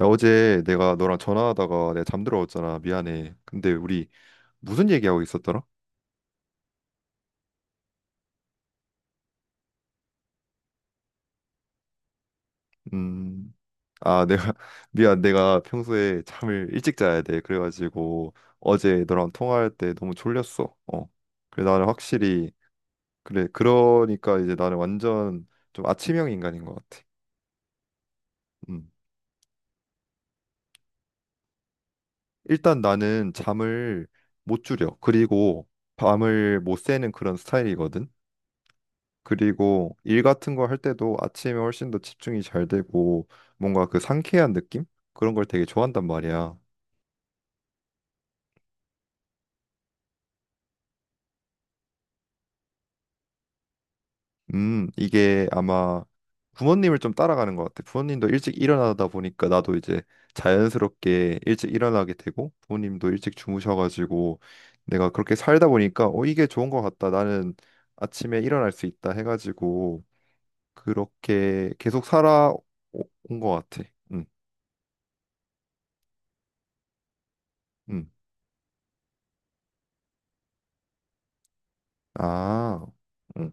야, 어제 내가 너랑 전화하다가 내가 잠들어왔잖아. 미안해. 근데 우리 무슨 얘기하고 있었더라? 음, 아, 내가, 미안. 내가 평소에 잠을 일찍 자야 돼. 그래가지고 어제 너랑 통화할 때 너무 졸렸어. 어. 그래, 나는 확실히, 그래. 그러니까 이제 나는 완전 좀 아침형 인간인 것 같아. 음. 일단 나는 잠을 못 줄여. 그리고 밤을 못 새는 그런 스타일이거든. 그리고 일 같은 거 할 때도 아침에 훨씬 더 집중이 잘 되고 뭔가 그 상쾌한 느낌? 그런 걸 되게 좋아한단 말이야. 이게 아마 부모님을 좀 따라가는 것 같아. 부모님도 일찍 일어나다 보니까 나도 이제 자연스럽게 일찍 일어나게 되고 부모님도 일찍 주무셔가지고 내가 그렇게 살다 보니까 이게 좋은 것 같다. 나는 아침에 일어날 수 있다 해가지고 그렇게 계속 살아온 것 같아. 음. 아. 응.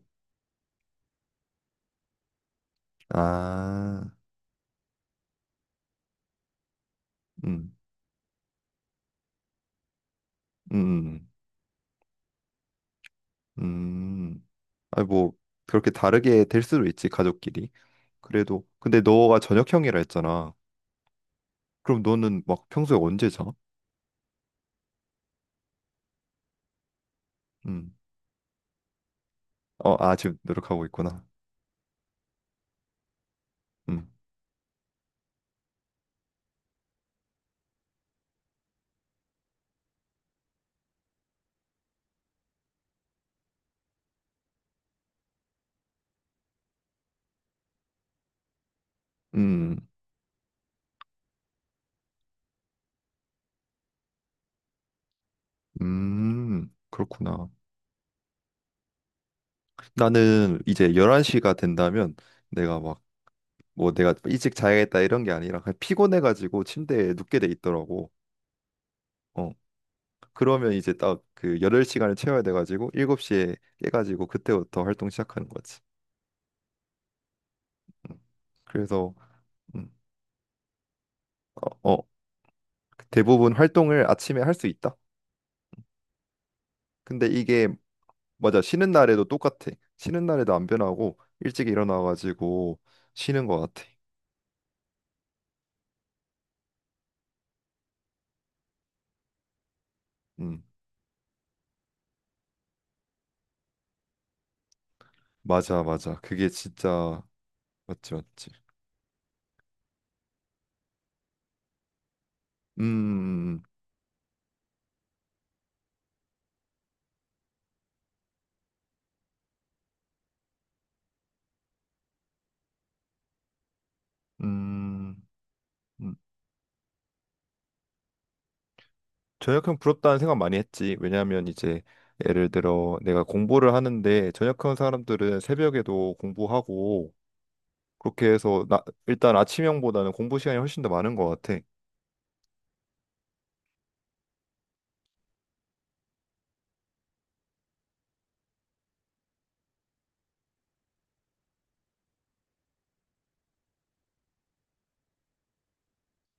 아, 음, 음, 음. 아니, 뭐, 그렇게 다르게 될 수도 있지, 가족끼리. 그래도, 근데 너가 저녁형이라 했잖아. 그럼 너는 막 평소에 언제 자? 음. 지금 노력하고 있구나. 음, 음, 그렇구나. 나는 이제 11시가 된다면 내가 막, 뭐 내가 일찍 자야겠다 이런 게 아니라 그냥 피곤해가지고 침대에 눕게 돼 있더라고. 어. 그러면 이제 딱 그 8시간을 채워야 돼가지고 7시에 깨가지고 그때부터 활동 시작하는 거지. 음. 그래서 음, 어, 어, 대부분 활동을 아침에 할 수 있다. 근데 이게 맞아. 쉬는 날에도 똑같아. 쉬는 날에도 안 변하고 일찍 일어나가지고 쉬는 거 같아. 음. 맞아, 맞아. 그게 진짜 맞지, 맞지. 음, 음, 음. 전역형 부럽다는 생각 많이 했지. 왜냐하면 이제 예를 들어 내가 공부를 하는데 전역형 사람들은 새벽에도 공부하고 그렇게 해서 나 일단 아침형보다는 공부 시간이 훨씬 더 많은 것 같아.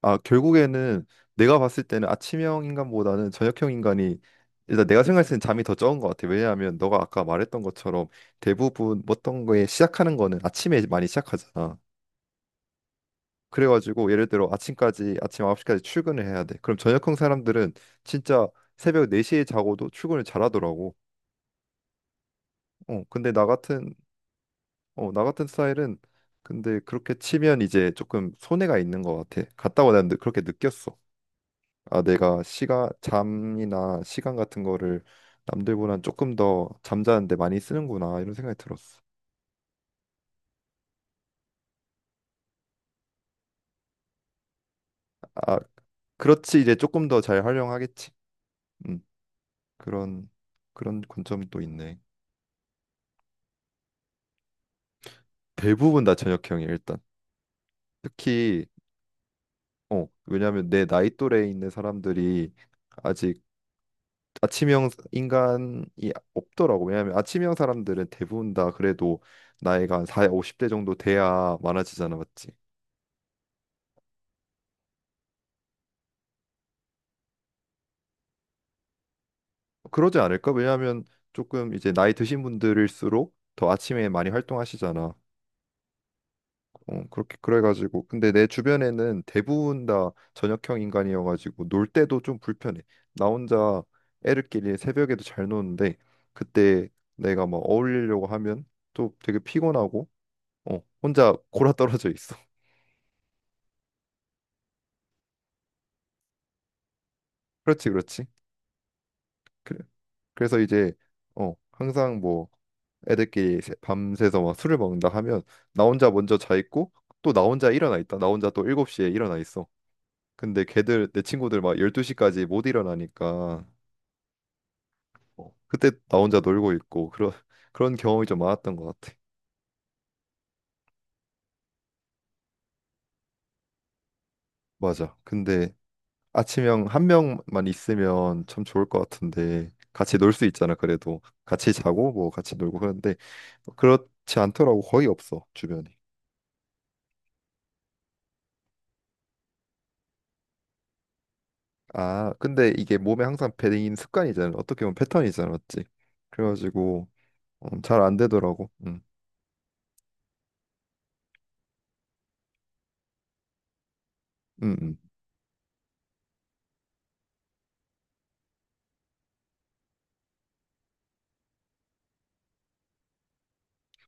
결국에는 내가 봤을 때는 아침형 인간보다는 저녁형 인간이 일단 내가 생각했을 때는 잠이 더 적은 것 같아. 왜냐하면 너가 아까 말했던 것처럼 대부분 어떤 거에 시작하는 거는 아침에 많이 시작하잖아. 그래가지고 예를 들어 아침 9시까지 출근을 해야 돼. 그럼 저녁형 사람들은 진짜 새벽 4시에 자고도 출근을 잘하더라고. 근데 나 같은 스타일은 근데 그렇게 치면 이제 조금 손해가 있는 것 같아. 갔다 오고 그렇게 느꼈어. 내가 시간 잠이나 시간 같은 거를 남들보단 조금 더 잠자는데 많이 쓰는구나 이런 생각이 들었어. 아, 그렇지 이제 조금 더 잘 활용하겠지. 음, 그런 그런 관점도 있네. 대부분 다 저녁형이야 일단 특히 왜냐하면 내 나이 또래에 있는 사람들이 아직 아침형 인간이 없더라고. 왜냐하면 아침형 사람들은 대부분 다 그래도 나이가 한 4, 50대 정도 돼야 많아지잖아, 맞지? 그러지 않을까? 왜냐하면 조금 이제 나이 드신 분들일수록 더 아침에 많이 활동하시잖아. 그렇게 그래가지고 근데 내 주변에는 대부분 다 저녁형 인간이어가지고 놀 때도 좀 불편해. 나 혼자 애들끼리 새벽에도 잘 노는데 그때 내가 막 어울리려고 하면 또 되게 피곤하고 혼자 골아떨어져 있어. 그렇지, 그렇지. 그래. 그래서 이제 항상 뭐 애들끼리 밤새서 막 술을 먹는다 하면 나 혼자 먼저 자 있고 또 나 혼자 일어나 있다. 나 혼자 또 7시에 일어나 있어. 근데 걔들 내 친구들 막 12시까지 못 일어나니까 그때 나 혼자 놀고 있고 그런 경험이 좀 많았던 것 같아. 맞아. 근데 아침형 한 명만 있으면 참 좋을 것 같은데 같이 놀 수 있잖아. 그래도 같이 자고 뭐 같이 놀고 그런데 그렇지 않더라고. 거의 없어 주변에. 근데 이게 몸에 항상 배인 습관이잖아. 어떻게 보면 패턴이잖아, 맞지? 그래가지고 잘안 되더라고. 음, 음.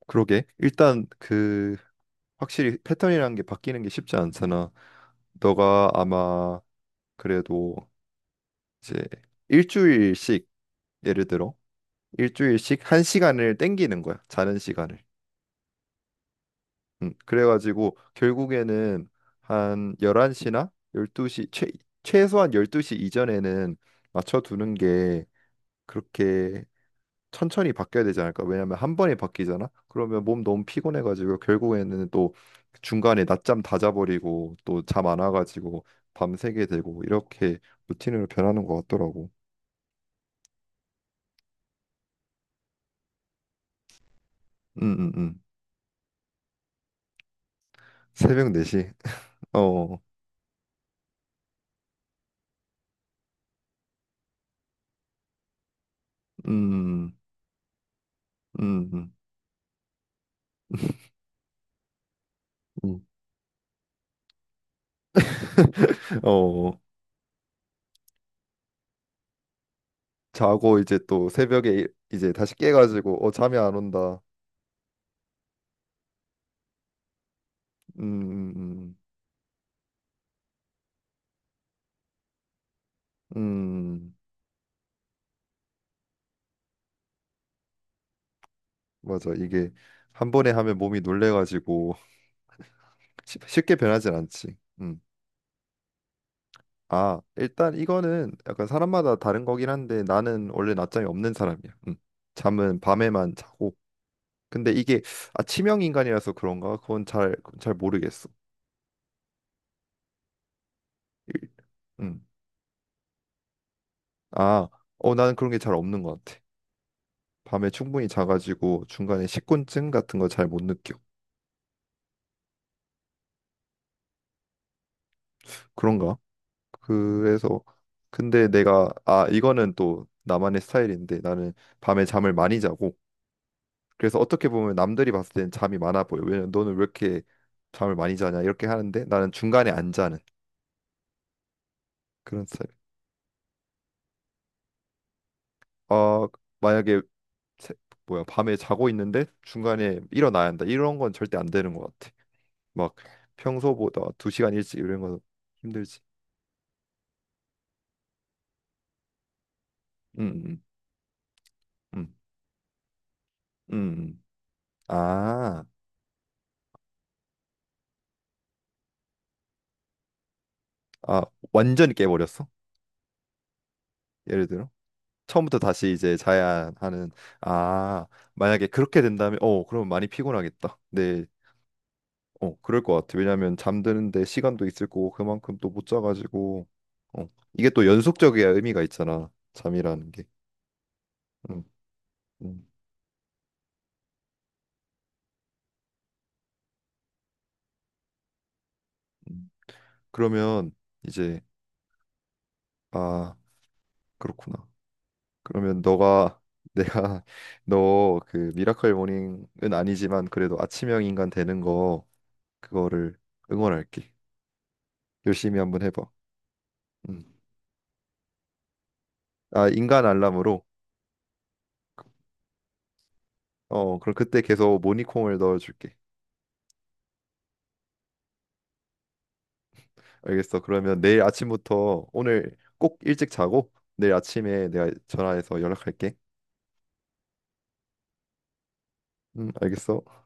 그러게. 일단 그 확실히 패턴이라는 게 바뀌는 게 쉽지 않잖아. 너가 아마 그래도 이제 일주일씩 예를 들어 일주일씩 한 시간을 땡기는 거야. 자는 시간을. 그래가지고 결국에는 한 11시나 12시 최소한 12시 이전에는 맞춰두는 게 그렇게 천천히 바뀌어야 되지 않을까? 왜냐면 한 번에 바뀌잖아. 그러면 몸 너무 피곤해가지고 결국에는 또 중간에 낮잠 다 자버리고 또 잠 안 와가지고 밤새게 되고 이렇게 루틴으로 변하는 것 같더라고. 음, 음, 음. 새벽 4시. 어, 음, 음, 음. 음. 어, 자고 이제 또 새벽에 이제 다시 깨가지고 잠이 안 온다. 음, 음, 음, 음. 맞아. 이게 한 번에 하면 몸이 놀래가지고 쉽게 변하진 않지. 음. 일단 이거는 약간 사람마다 다른 거긴 한데 나는 원래 낮잠이 없는 사람이야. 음. 잠은 밤에만 자고. 근데 치명 인간이라서 그런가? 그건 잘 모르겠어. 일- 음. 아, 나는 그런 게 잘 없는 것 같아. 밤에 충분히 자가지고 중간에 식곤증 같은 거 잘 못 느껴. 그런가? 그래서 근데 이거는 또 나만의 스타일인데 나는 밤에 잠을 많이 자고 그래서 어떻게 보면 남들이 봤을 때는 잠이 많아 보여. 왜냐면 너는 왜 이렇게 잠을 많이 자냐 이렇게 하는데 나는 중간에 안 자는 그런 스타일. 어, 만약에 새- 뭐야 밤에 자고 있는데 중간에 일어나야 한다. 이런 건 절대 안 되는 것 같아. 막 평소보다 2시간 일찍 이런 건 힘들지. 음, 음, 음. 음. 아, 아, 완전히 깨버렸어? 예를 들어? 처음부터 다시 이제 자야 하는, 아, 만약에 그렇게 된다면, 그러면 많이 피곤하겠다. 네, 그럴 것 같아. 왜냐면 잠드는데 시간도 있을 거고, 그만큼 또 못 자가지고, 어, 이게 또 연속적이야 의미가 있잖아. 잠이라는 게. 음, 음, 음. 그러면 이제, 아, 그렇구나. 그러면 너가 내가 너 그 미라클 모닝은 아니지만 그래도 아침형 인간 되는 거 그거를 응원할게. 열심히 한번 해봐. 음. 인간 알람으로. 그럼 그때 계속 모닝콩을 넣어줄게. 알겠어. 그러면 내일 아침부터 오늘 꼭 일찍 자고 내일 아침에 내가 전화해서 연락할게. 알겠어.